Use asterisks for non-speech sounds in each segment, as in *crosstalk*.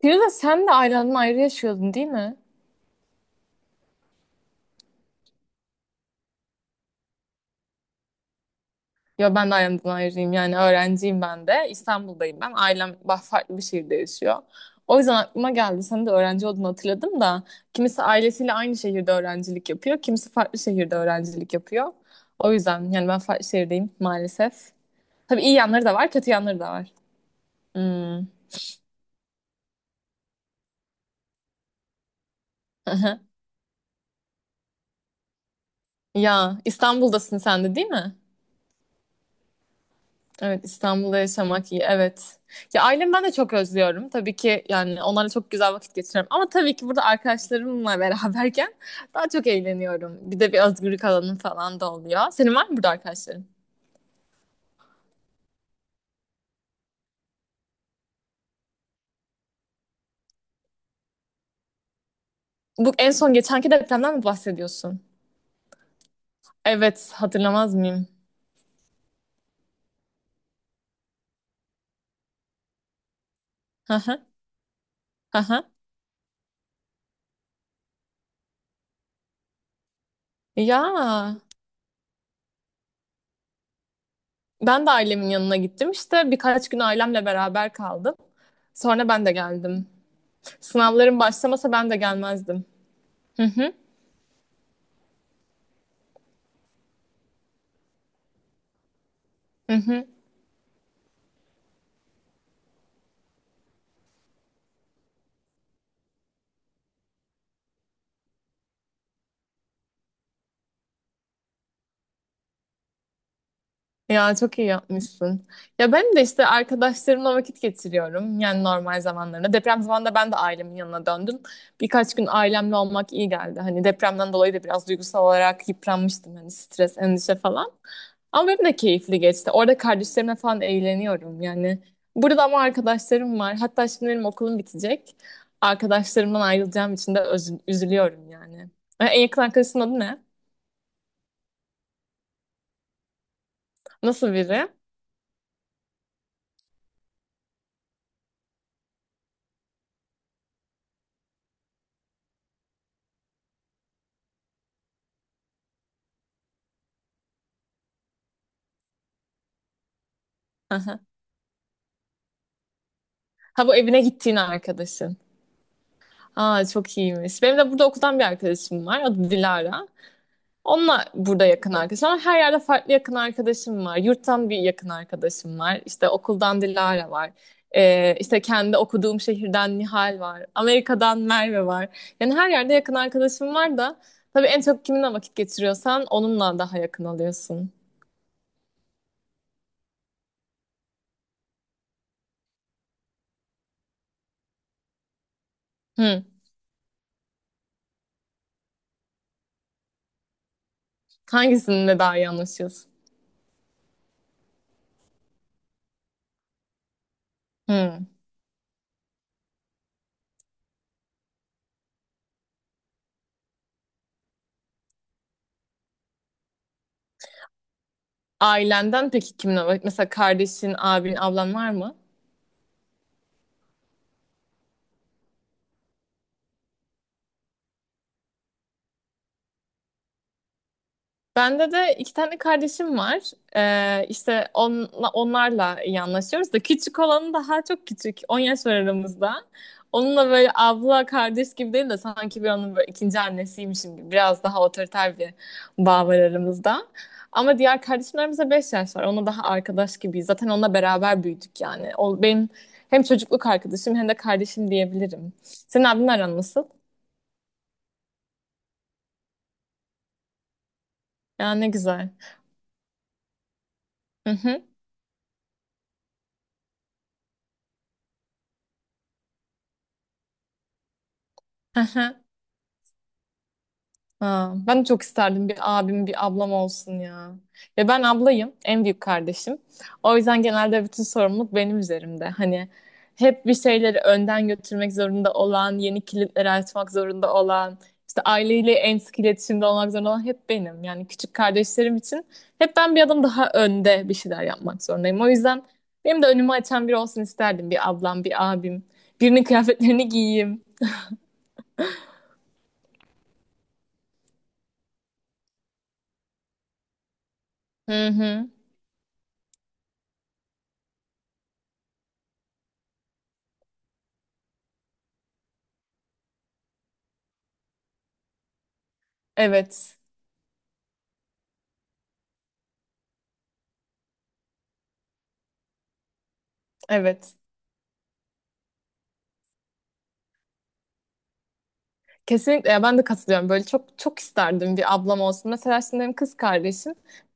Firuze sen de ailemden ayrı yaşıyordun değil mi? Ya ben de ailemden ayrıyım yani öğrenciyim ben de. İstanbul'dayım ben. Ailem farklı bir şehirde yaşıyor. O yüzden aklıma geldi. Sen de öğrenci olduğunu hatırladım da. Kimisi ailesiyle aynı şehirde öğrencilik yapıyor. Kimisi farklı şehirde öğrencilik yapıyor. O yüzden yani ben farklı şehirdeyim maalesef. Tabii iyi yanları da var, kötü yanları da var. Hmm. *laughs* Ya İstanbul'dasın sen de değil mi? Evet, İstanbul'da yaşamak iyi. Evet. Ya ailemi ben de çok özlüyorum. Tabii ki yani onlarla çok güzel vakit geçiriyorum. Ama tabii ki burada arkadaşlarımla beraberken daha çok eğleniyorum. Bir de bir özgürlük alanım falan da oluyor. Senin var mı burada arkadaşların? Bu en son geçenki depremden mi bahsediyorsun? Evet, hatırlamaz mıyım? Hı hı, hı hı. Ya ben de ailemin yanına gittim. İşte birkaç gün ailemle beraber kaldım. Sonra ben de geldim. Sınavlarım başlamasa ben de gelmezdim. Hı hı, hı hı. Ya çok iyi yapmışsın. Ya ben de işte arkadaşlarımla vakit geçiriyorum. Yani normal zamanlarında. Deprem zamanında ben de ailemin yanına döndüm. Birkaç gün ailemle olmak iyi geldi. Hani depremden dolayı da biraz duygusal olarak yıpranmıştım. Hani stres, endişe falan. Ama benim de keyifli geçti. Orada kardeşlerimle falan eğleniyorum yani. Burada ama arkadaşlarım var. Hatta şimdi benim okulum bitecek. Arkadaşlarımdan ayrılacağım için de üzülüyorum yani. En yakın arkadaşının adı ne? Nasıl biri? Aha. Ha, bu evine gittiğin arkadaşın. Aa, çok iyiymiş. Benim de burada okuldan bir arkadaşım var. Adı Dilara. Onunla burada yakın arkadaşım var. Her yerde farklı yakın arkadaşım var. Yurttan bir yakın arkadaşım var. İşte okuldan Dilara var. İşte kendi okuduğum şehirden Nihal var. Amerika'dan Merve var. Yani her yerde yakın arkadaşım var da tabii en çok kiminle vakit geçiriyorsan onunla daha yakın oluyorsun. Hı. Hangisinle daha iyi anlaşıyorsun? Hı. Ailenden peki kiminle? Mesela kardeşin, abin, ablan var mı? Bende de iki tane kardeşim var. İşte onlarla iyi anlaşıyoruz da küçük olanı daha çok küçük. 10 yaş var aramızda. Onunla böyle abla kardeş gibi değil de sanki bir onun böyle ikinci annesiymişim gibi. Biraz daha otoriter bir bağ var aramızda. Ama diğer kardeşimlerimize 5 yaş var. Onunla daha arkadaş gibiyiz. Zaten onunla beraber büyüdük yani. O benim hem çocukluk arkadaşım hem de kardeşim diyebilirim. Senin abin aran nasıl? Ya ne güzel. Hı hı. *laughs* Ha, ben de çok isterdim bir abim, bir ablam olsun ya. Ve ben ablayım, en büyük kardeşim. O yüzden genelde bütün sorumluluk benim üzerimde. Hani hep bir şeyleri önden götürmek zorunda olan, yeni kilitleri açmak zorunda olan, işte aileyle en sık iletişimde olmak zorunda olan hep benim. Yani küçük kardeşlerim için hep ben bir adım daha önde bir şeyler yapmak zorundayım. O yüzden benim de önümü açan biri olsun isterdim. Bir ablam, bir abim. Birinin kıyafetlerini giyeyim. Hı hı. Evet. Evet. Kesinlikle ya ben de katılıyorum. Böyle çok çok isterdim bir ablam olsun. Mesela şimdi benim kız kardeşim.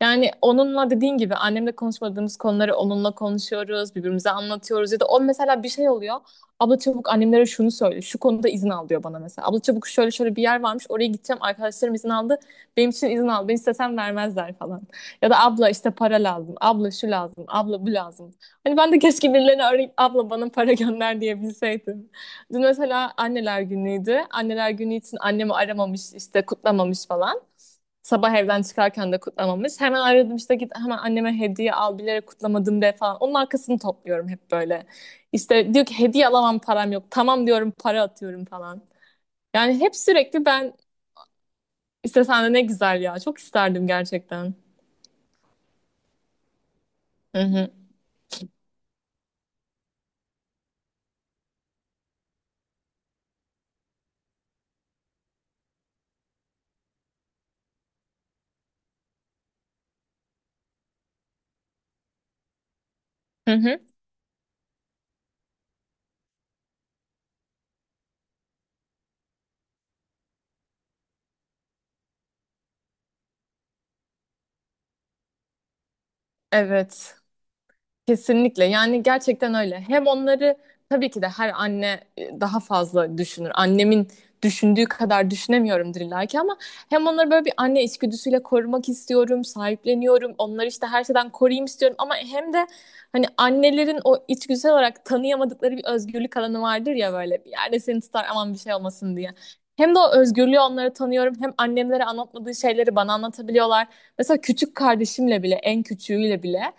Yani onunla dediğin gibi annemle konuşmadığımız konuları onunla konuşuyoruz, birbirimize anlatıyoruz ya da o mesela bir şey oluyor. Abla çabuk annemlere şunu söyle, şu konuda izin al diyor bana mesela. Abla çabuk şöyle şöyle bir yer varmış, oraya gideceğim, arkadaşlarım izin aldı, benim için izin al, ben istesem vermezler falan. Ya da abla işte para lazım, abla şu lazım, abla bu lazım. Hani ben de keşke birilerine arayıp abla bana para gönder diyebilseydim. Dün mesela anneler günüydü. Anneler günü için annemi aramamış, işte kutlamamış falan. Sabah evden çıkarken de kutlamamış. Hemen aradım, işte git hemen anneme hediye al, bilerek kutlamadım de falan. Onun arkasını topluyorum hep böyle. İşte diyor ki hediye alamam, param yok. Tamam diyorum, para atıyorum falan. Yani hep sürekli ben işte sen de ne güzel ya. Çok isterdim gerçekten. Hı hı. Hı hı. Evet. Kesinlikle yani gerçekten öyle. Hem onları tabii ki de her anne daha fazla düşünür. Annemin düşündüğü kadar düşünemiyorumdur illa ki ama hem onları böyle bir anne içgüdüsüyle korumak istiyorum, sahipleniyorum. Onları işte her şeyden koruyayım istiyorum ama hem de hani annelerin o içgüdüsel olarak tanıyamadıkları bir özgürlük alanı vardır ya, böyle bir yerde seni tutar aman bir şey olmasın diye. Hem de o özgürlüğü onlara tanıyorum. Hem annemlere anlatmadığı şeyleri bana anlatabiliyorlar. Mesela küçük kardeşimle bile, en küçüğüyle bile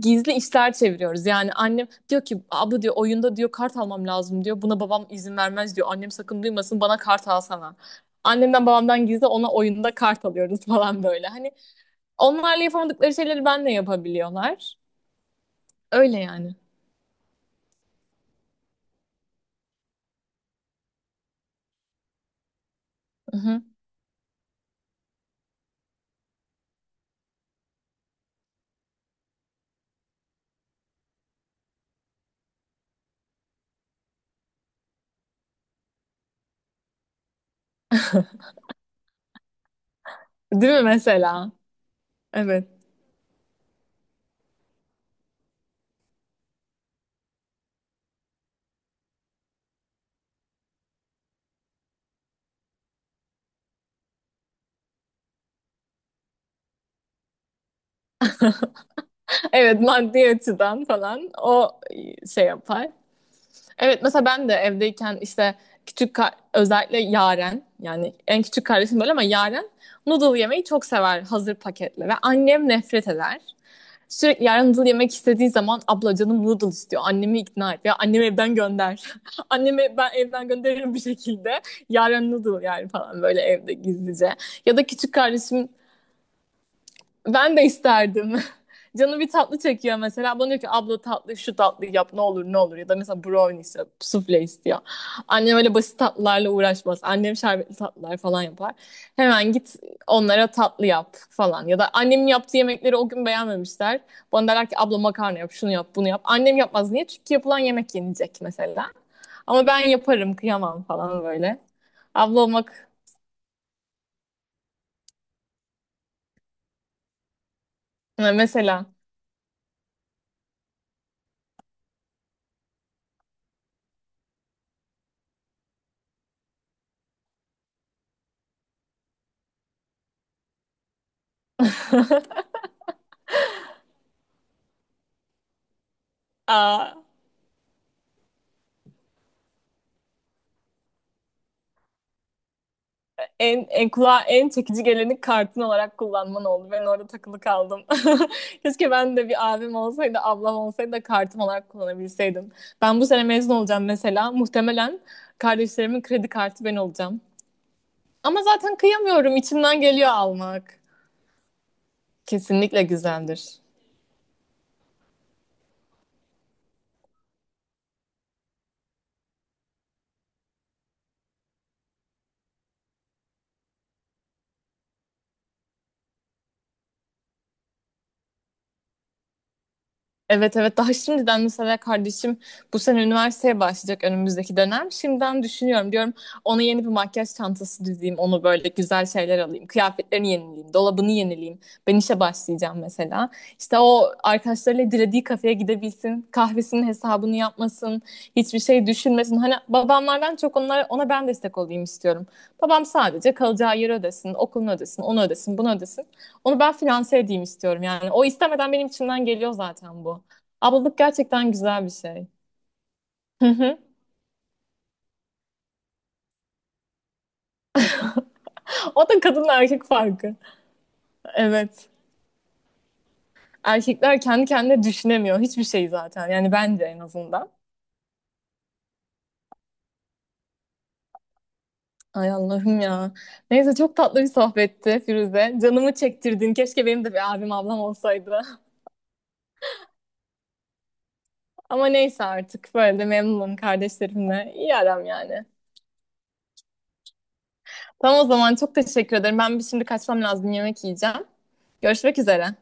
gizli işler çeviriyoruz. Yani annem diyor ki abla, diyor, oyunda diyor kart almam lazım diyor. Buna babam izin vermez diyor. Annem sakın duymasın, bana kart alsana. Annemden babamdan gizli ona oyunda kart alıyoruz *laughs* falan böyle. Hani onlarla yapamadıkları şeyleri benle yapabiliyorlar. Öyle yani. Hı hı. Değil mi mesela? Evet. Evet, maddi açıdan falan o şey yapar. Evet mesela ben de evdeyken işte özellikle Yaren yani en küçük kardeşim böyle ama Yaren noodle yemeyi çok sever hazır paketle, ve annem nefret eder. Sürekli Yaren noodle yemek istediği zaman abla canım noodle istiyor, annemi ikna et ya, annemi evden gönder. *laughs* Annemi ben evden gönderirim bir şekilde, Yaren noodle yani falan böyle evde gizlice. Ya da küçük kardeşim ben de isterdim. *laughs* Canı bir tatlı çekiyor mesela. Bana diyor ki abla tatlı, şu tatlı yap ne olur ne olur. Ya da mesela brownie istiyor, sufle istiyor. Annem öyle basit tatlılarla uğraşmaz. Annem şerbetli tatlılar falan yapar. Hemen git onlara tatlı yap falan. Ya da annemin yaptığı yemekleri o gün beğenmemişler. Bana derler ki abla makarna yap, şunu yap, bunu yap. Annem yapmaz. Niye? Çünkü yapılan yemek yenecek mesela. Ama ben yaparım, kıyamam falan böyle. Abla olmak mesela. Aa. En kulağa en çekici geleni kartın olarak kullanman oldu. Ben orada takılı kaldım. *laughs* Keşke ben de bir abim olsaydı, ablam olsaydı da kartım olarak kullanabilseydim. Ben bu sene mezun olacağım mesela. Muhtemelen kardeşlerimin kredi kartı ben olacağım. Ama zaten kıyamıyorum. İçimden geliyor almak. Kesinlikle güzeldir. Evet, evet, daha şimdiden mesela kardeşim bu sene üniversiteye başlayacak önümüzdeki dönem. Şimdiden düşünüyorum, diyorum ona yeni bir makyaj çantası dizeyim, onu böyle güzel şeyler alayım. Kıyafetlerini yenileyim, dolabını yenileyim. Ben işe başlayacağım mesela. İşte o arkadaşlarıyla dilediği kafeye gidebilsin. Kahvesinin hesabını yapmasın. Hiçbir şey düşünmesin. Hani babamlardan çok onlara, ona ben destek olayım istiyorum. Babam sadece kalacağı yeri ödesin, okulunu ödesin, onu ödesin, bunu ödesin. Onu ben finanse edeyim istiyorum yani. O istemeden benim içimden geliyor zaten bu. Ablalık gerçekten güzel bir şey. Hı hı. O da kadınla erkek farkı. Evet. Erkekler kendi kendine düşünemiyor. Hiçbir şey zaten. Yani bence en azından. Ay Allah'ım ya. Neyse, çok tatlı bir sohbetti Firuze. Canımı çektirdin. Keşke benim de bir abim, ablam olsaydı. *laughs* Ama neyse, artık böyle de memnunum kardeşlerimle. İyi aram yani. Tamam, o zaman çok teşekkür ederim. Ben bir şimdi kaçmam lazım, yemek yiyeceğim. Görüşmek üzere.